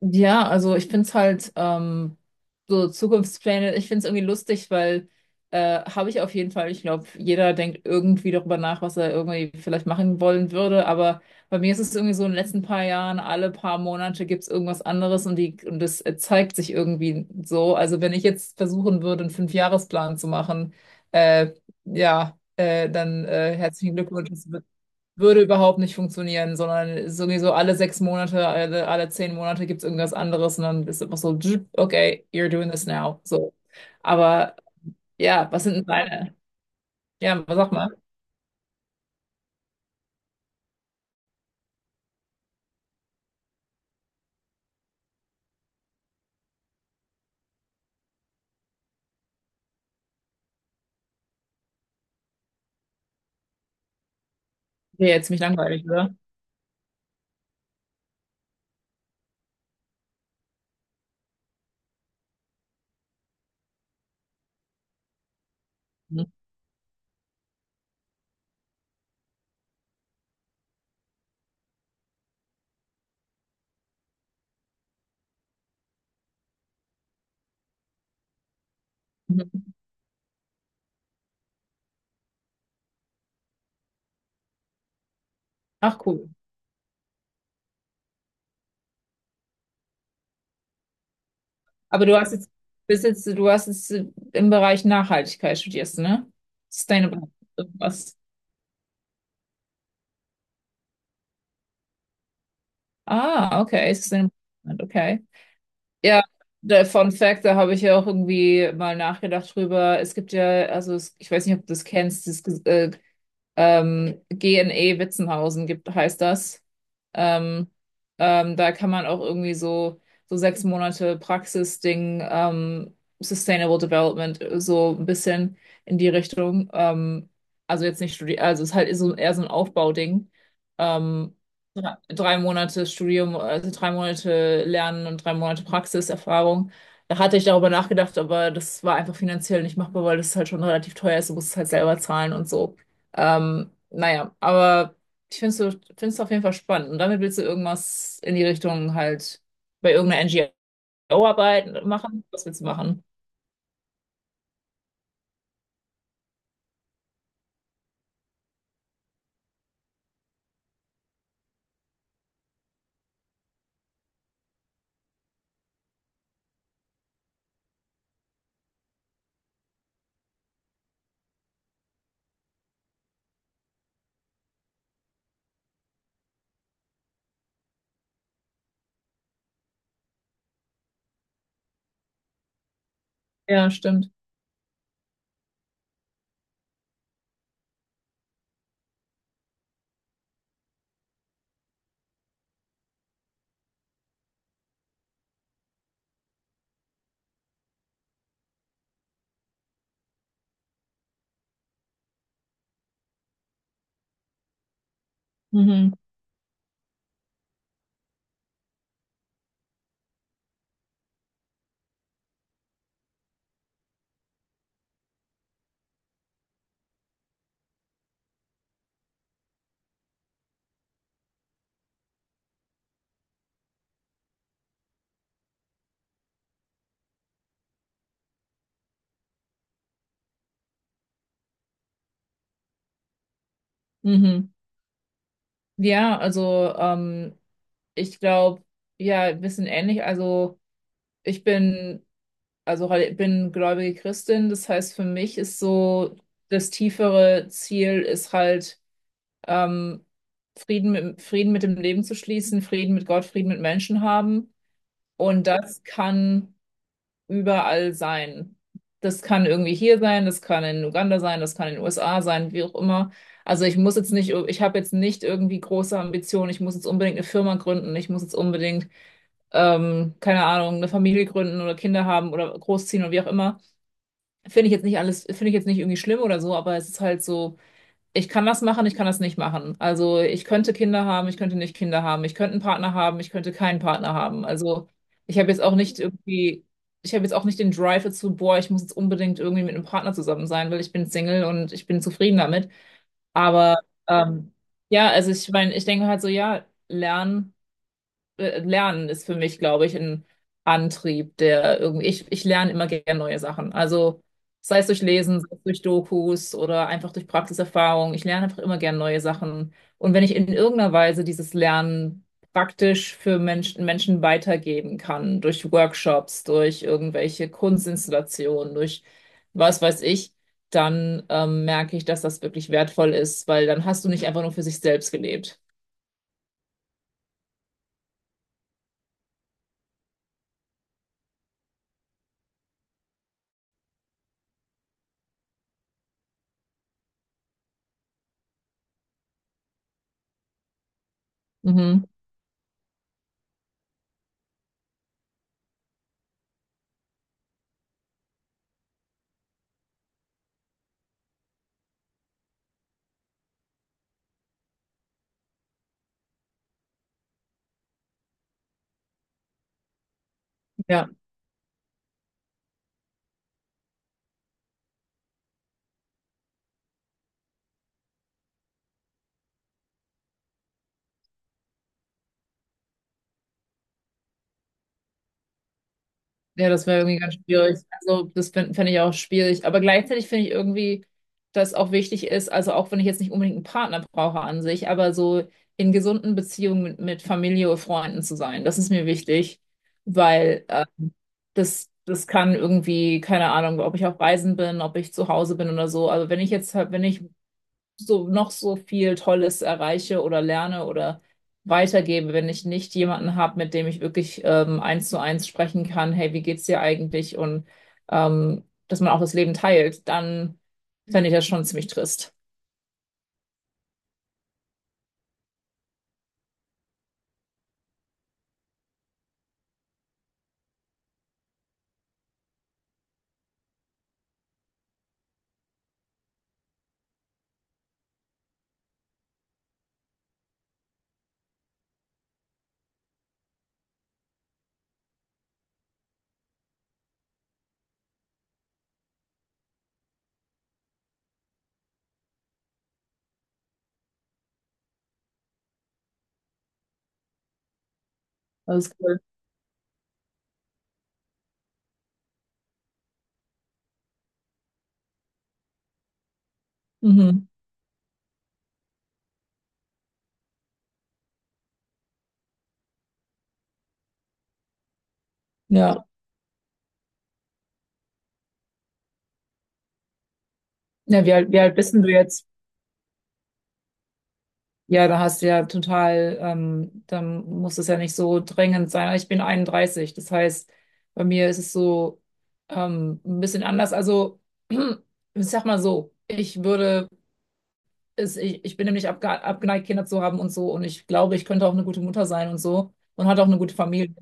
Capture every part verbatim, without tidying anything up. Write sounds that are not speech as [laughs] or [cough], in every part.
Ja, also ich finde es halt ähm, so Zukunftspläne, ich finde es irgendwie lustig, weil äh, habe ich auf jeden Fall. Ich glaube, jeder denkt irgendwie darüber nach, was er irgendwie vielleicht machen wollen würde. Aber bei mir ist es irgendwie so in den letzten paar Jahren, alle paar Monate gibt es irgendwas anderes und die und das zeigt sich irgendwie so. Also wenn ich jetzt versuchen würde, einen Fünfjahresplan zu machen, äh, ja, äh, dann äh, herzlichen Glückwunsch, würde überhaupt nicht funktionieren, sondern sowieso alle sechs Monate, alle, alle zehn Monate gibt es irgendwas anderes und dann ist einfach so, "Dzzt, okay, you're doing this now." So. Aber ja, was sind denn deine? Ja, sag mal. Ja, jetzt ziemlich langweilig, oder? Mhm. Mhm. Ach, cool. Aber du hast jetzt, bist jetzt, du hast jetzt im Bereich Nachhaltigkeit studierst, ne? Sustainable irgendwas. Ah, okay, Sustainable, okay. Ja, der Fun Fact, da habe ich ja auch irgendwie mal nachgedacht drüber. Es gibt ja, also es, ich weiß nicht, ob du das kennst, das ähm, G N E Witzenhausen gibt, heißt das. Ähm, ähm, Da kann man auch irgendwie so, so sechs Monate Praxisding, ähm, Sustainable Development, so ein bisschen in die Richtung. Ähm, also jetzt nicht studieren, also es ist halt so, eher so ein Aufbauding. Ähm, dr- Drei Monate Studium, also drei Monate Lernen und drei Monate Praxiserfahrung. Da hatte ich darüber nachgedacht, aber das war einfach finanziell nicht machbar, weil das halt schon relativ teuer ist. Du musst es halt selber zahlen und so. Ähm, naja, aber ich finde es so, find's auf jeden Fall spannend. Und damit willst du irgendwas in die Richtung halt bei irgendeiner N G O arbeit machen? Was willst du machen? Ja, stimmt. Mhm. Mhm. Ja, also ähm, ich glaube, ja, ein bisschen ähnlich. Also ich bin, also halt- bin gläubige Christin. Das heißt, für mich ist so das tiefere Ziel ist halt, ähm, Frieden mit, Frieden mit dem Leben zu schließen, Frieden mit Gott, Frieden mit Menschen haben. Und das kann überall sein. Das kann irgendwie hier sein, das kann in Uganda sein, das kann in den U S A sein, wie auch immer. Also ich muss jetzt nicht, ich habe jetzt nicht irgendwie große Ambitionen, ich muss jetzt unbedingt eine Firma gründen, ich muss jetzt unbedingt, ähm, keine Ahnung, eine Familie gründen oder Kinder haben oder großziehen oder wie auch immer. Finde ich jetzt nicht alles, finde ich jetzt nicht irgendwie schlimm oder so, aber es ist halt so, ich kann das machen, ich kann das nicht machen. Also ich könnte Kinder haben, ich könnte nicht Kinder haben, ich könnte einen Partner haben, ich könnte keinen Partner haben. Also ich habe jetzt auch nicht irgendwie, ich habe jetzt auch nicht den Drive dazu, boah, ich muss jetzt unbedingt irgendwie mit einem Partner zusammen sein, weil ich bin Single und ich bin zufrieden damit. Aber ähm, ja, also ich meine, ich denke halt so, ja, lernen äh, Lernen ist für mich, glaube ich, ein Antrieb, der irgendwie, ich, ich lerne immer gerne neue Sachen. Also sei es durch Lesen, sei es durch Dokus oder einfach durch Praxiserfahrung. Ich lerne einfach immer gerne neue Sachen. Und wenn ich in irgendeiner Weise dieses Lernen praktisch für Menschen, Menschen weitergeben kann, durch Workshops, durch irgendwelche Kunstinstallationen, durch was weiß ich, dann ähm, merke ich, dass das wirklich wertvoll ist, weil dann hast du nicht einfach nur für sich selbst gelebt. Mhm. Ja. Ja, das wäre irgendwie ganz schwierig. Also, das fände fänd ich auch schwierig. Aber gleichzeitig finde ich irgendwie, dass auch wichtig ist, also auch wenn ich jetzt nicht unbedingt einen Partner brauche an sich, aber so in gesunden Beziehungen mit, mit Familie oder Freunden zu sein, das ist mir wichtig, weil äh, das, das kann irgendwie, keine Ahnung, ob ich auf Reisen bin, ob ich zu Hause bin oder so. Also, wenn ich jetzt, halt- wenn ich so noch so viel Tolles erreiche oder lerne oder weitergebe, wenn ich nicht jemanden habe, mit dem ich wirklich ähm, eins zu eins sprechen kann, hey, wie geht's dir eigentlich? Und ähm, dass man auch das Leben teilt, dann fände ich das schon ziemlich trist. Das ist cool. Mhm. Ja. Ja, wie alt, wie alt bist denn du jetzt? Ja, da hast du ja total, ähm, dann muss es ja nicht so drängend sein. Ich bin einunddreißig, das heißt, bei mir ist es so ähm, ein bisschen anders. Also, [clears throat] ich sag mal so, ich würde, ist, ich, ich bin nämlich abge abgeneigt, Kinder zu haben und so. Und ich glaube, ich könnte auch eine gute Mutter sein und so. Und hat auch eine gute Familie.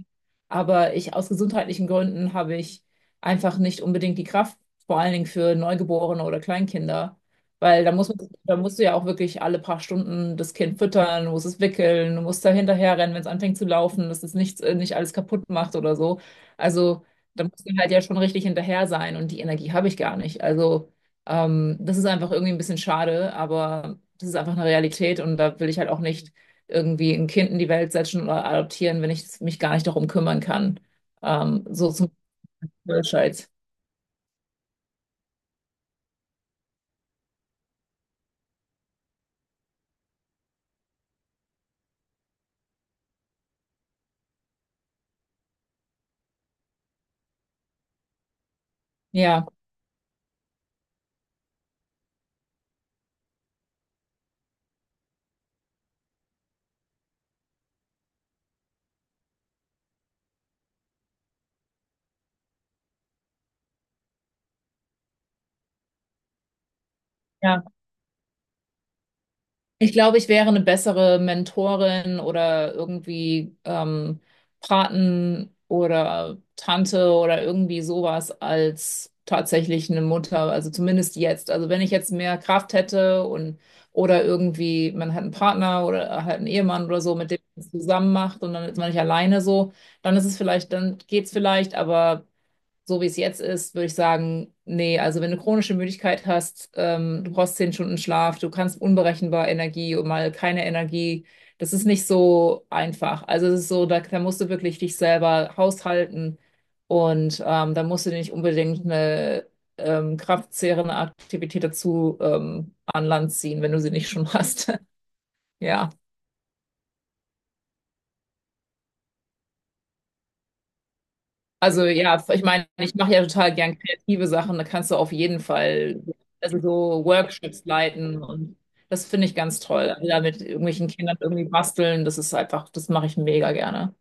Aber ich, aus gesundheitlichen Gründen habe ich einfach nicht unbedingt die Kraft, vor allen Dingen für Neugeborene oder Kleinkinder. Weil da muss man, da musst du ja auch wirklich alle paar Stunden das Kind füttern, du musst es wickeln, du musst da hinterherrennen, wenn es anfängt zu laufen, dass es nichts, äh, nicht alles kaputt macht oder so. Also da musst du halt ja schon richtig hinterher sein und die Energie habe ich gar nicht. Also ähm, das ist einfach irgendwie ein bisschen schade, aber das ist einfach eine Realität und da will ich halt auch nicht irgendwie ein Kind in die Welt setzen oder adoptieren, wenn ich mich gar nicht darum kümmern kann. Ähm, so zum Beispiel. Ja, ja. Ich glaube, ich wäre eine bessere Mentorin oder irgendwie ähm, Paten oder Tante oder irgendwie sowas als tatsächlich eine Mutter, also zumindest jetzt. Also wenn ich jetzt mehr Kraft hätte und oder irgendwie, man hat einen Partner oder halt einen Ehemann oder so, mit dem man es zusammen macht und dann ist man nicht alleine so, dann ist es vielleicht, dann geht's vielleicht, aber so wie es jetzt ist, würde ich sagen, nee, also wenn du chronische Müdigkeit hast, ähm, du brauchst zehn Stunden Schlaf, du kannst unberechenbar Energie und mal keine Energie, das ist nicht so einfach. Also es ist so, da, da musst du wirklich dich selber haushalten und ähm, da musst du dir nicht unbedingt eine ähm, kraftzehrende Aktivität dazu ähm, an Land ziehen, wenn du sie nicht schon hast. [laughs] Ja. Also ja, ich meine, ich mache ja total gern kreative Sachen, da kannst du auf jeden Fall also so Workshops leiten und das finde ich ganz toll. Also da mit irgendwelchen Kindern irgendwie basteln, das ist einfach, das mache ich mega gerne.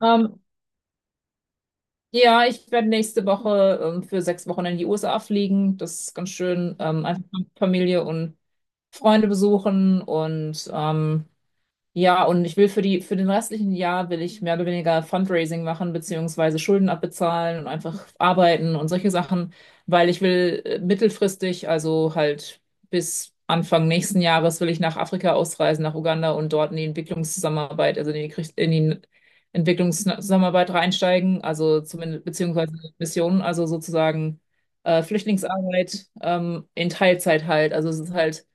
Ähm, ja, ich werde nächste Woche ähm, für sechs Wochen in die U S A fliegen. Das ist ganz schön. Ähm, einfach Familie und Freunde besuchen und ähm, ja, und ich will für die, für den restlichen Jahr will ich mehr oder weniger Fundraising machen, beziehungsweise Schulden abbezahlen und einfach arbeiten und solche Sachen, weil ich will äh, mittelfristig, also halt bis Anfang nächsten Jahres will ich nach Afrika ausreisen, nach Uganda und dort in die Entwicklungszusammenarbeit, also in die, Krieg- in die Entwicklungszusammenarbeit reinsteigen, also zumindest, beziehungsweise Missionen, also sozusagen äh, Flüchtlingsarbeit, ähm, in Teilzeit halt. Also es ist halt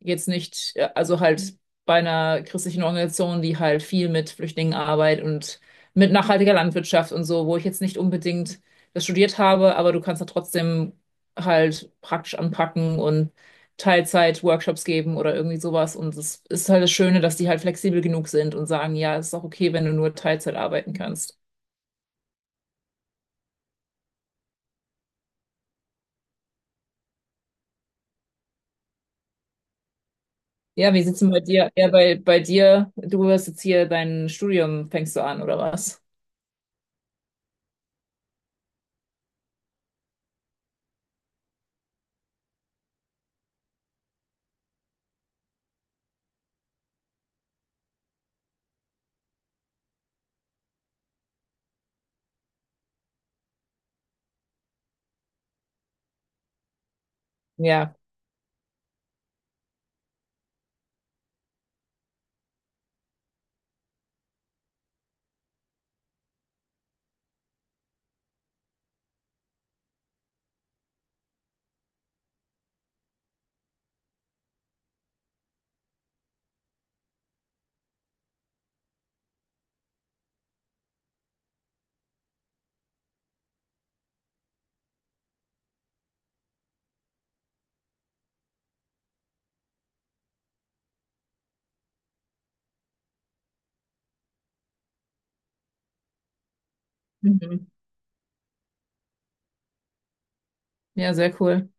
jetzt nicht, äh, also halt bei einer christlichen Organisation, die halt viel mit Flüchtlingen arbeitet und mit nachhaltiger Landwirtschaft und so, wo ich jetzt nicht unbedingt das studiert habe, aber du kannst da trotzdem halt praktisch anpacken und Teilzeit-Workshops geben oder irgendwie sowas. Und es ist halt das Schöne, dass die halt flexibel genug sind und sagen, ja, es ist auch okay, wenn du nur Teilzeit arbeiten kannst. Ja, wie sieht's denn bei dir? Ja, bei, bei dir, du wirst jetzt hier dein Studium, fängst du an, oder was? Ja. Mhm. Ja, sehr cool.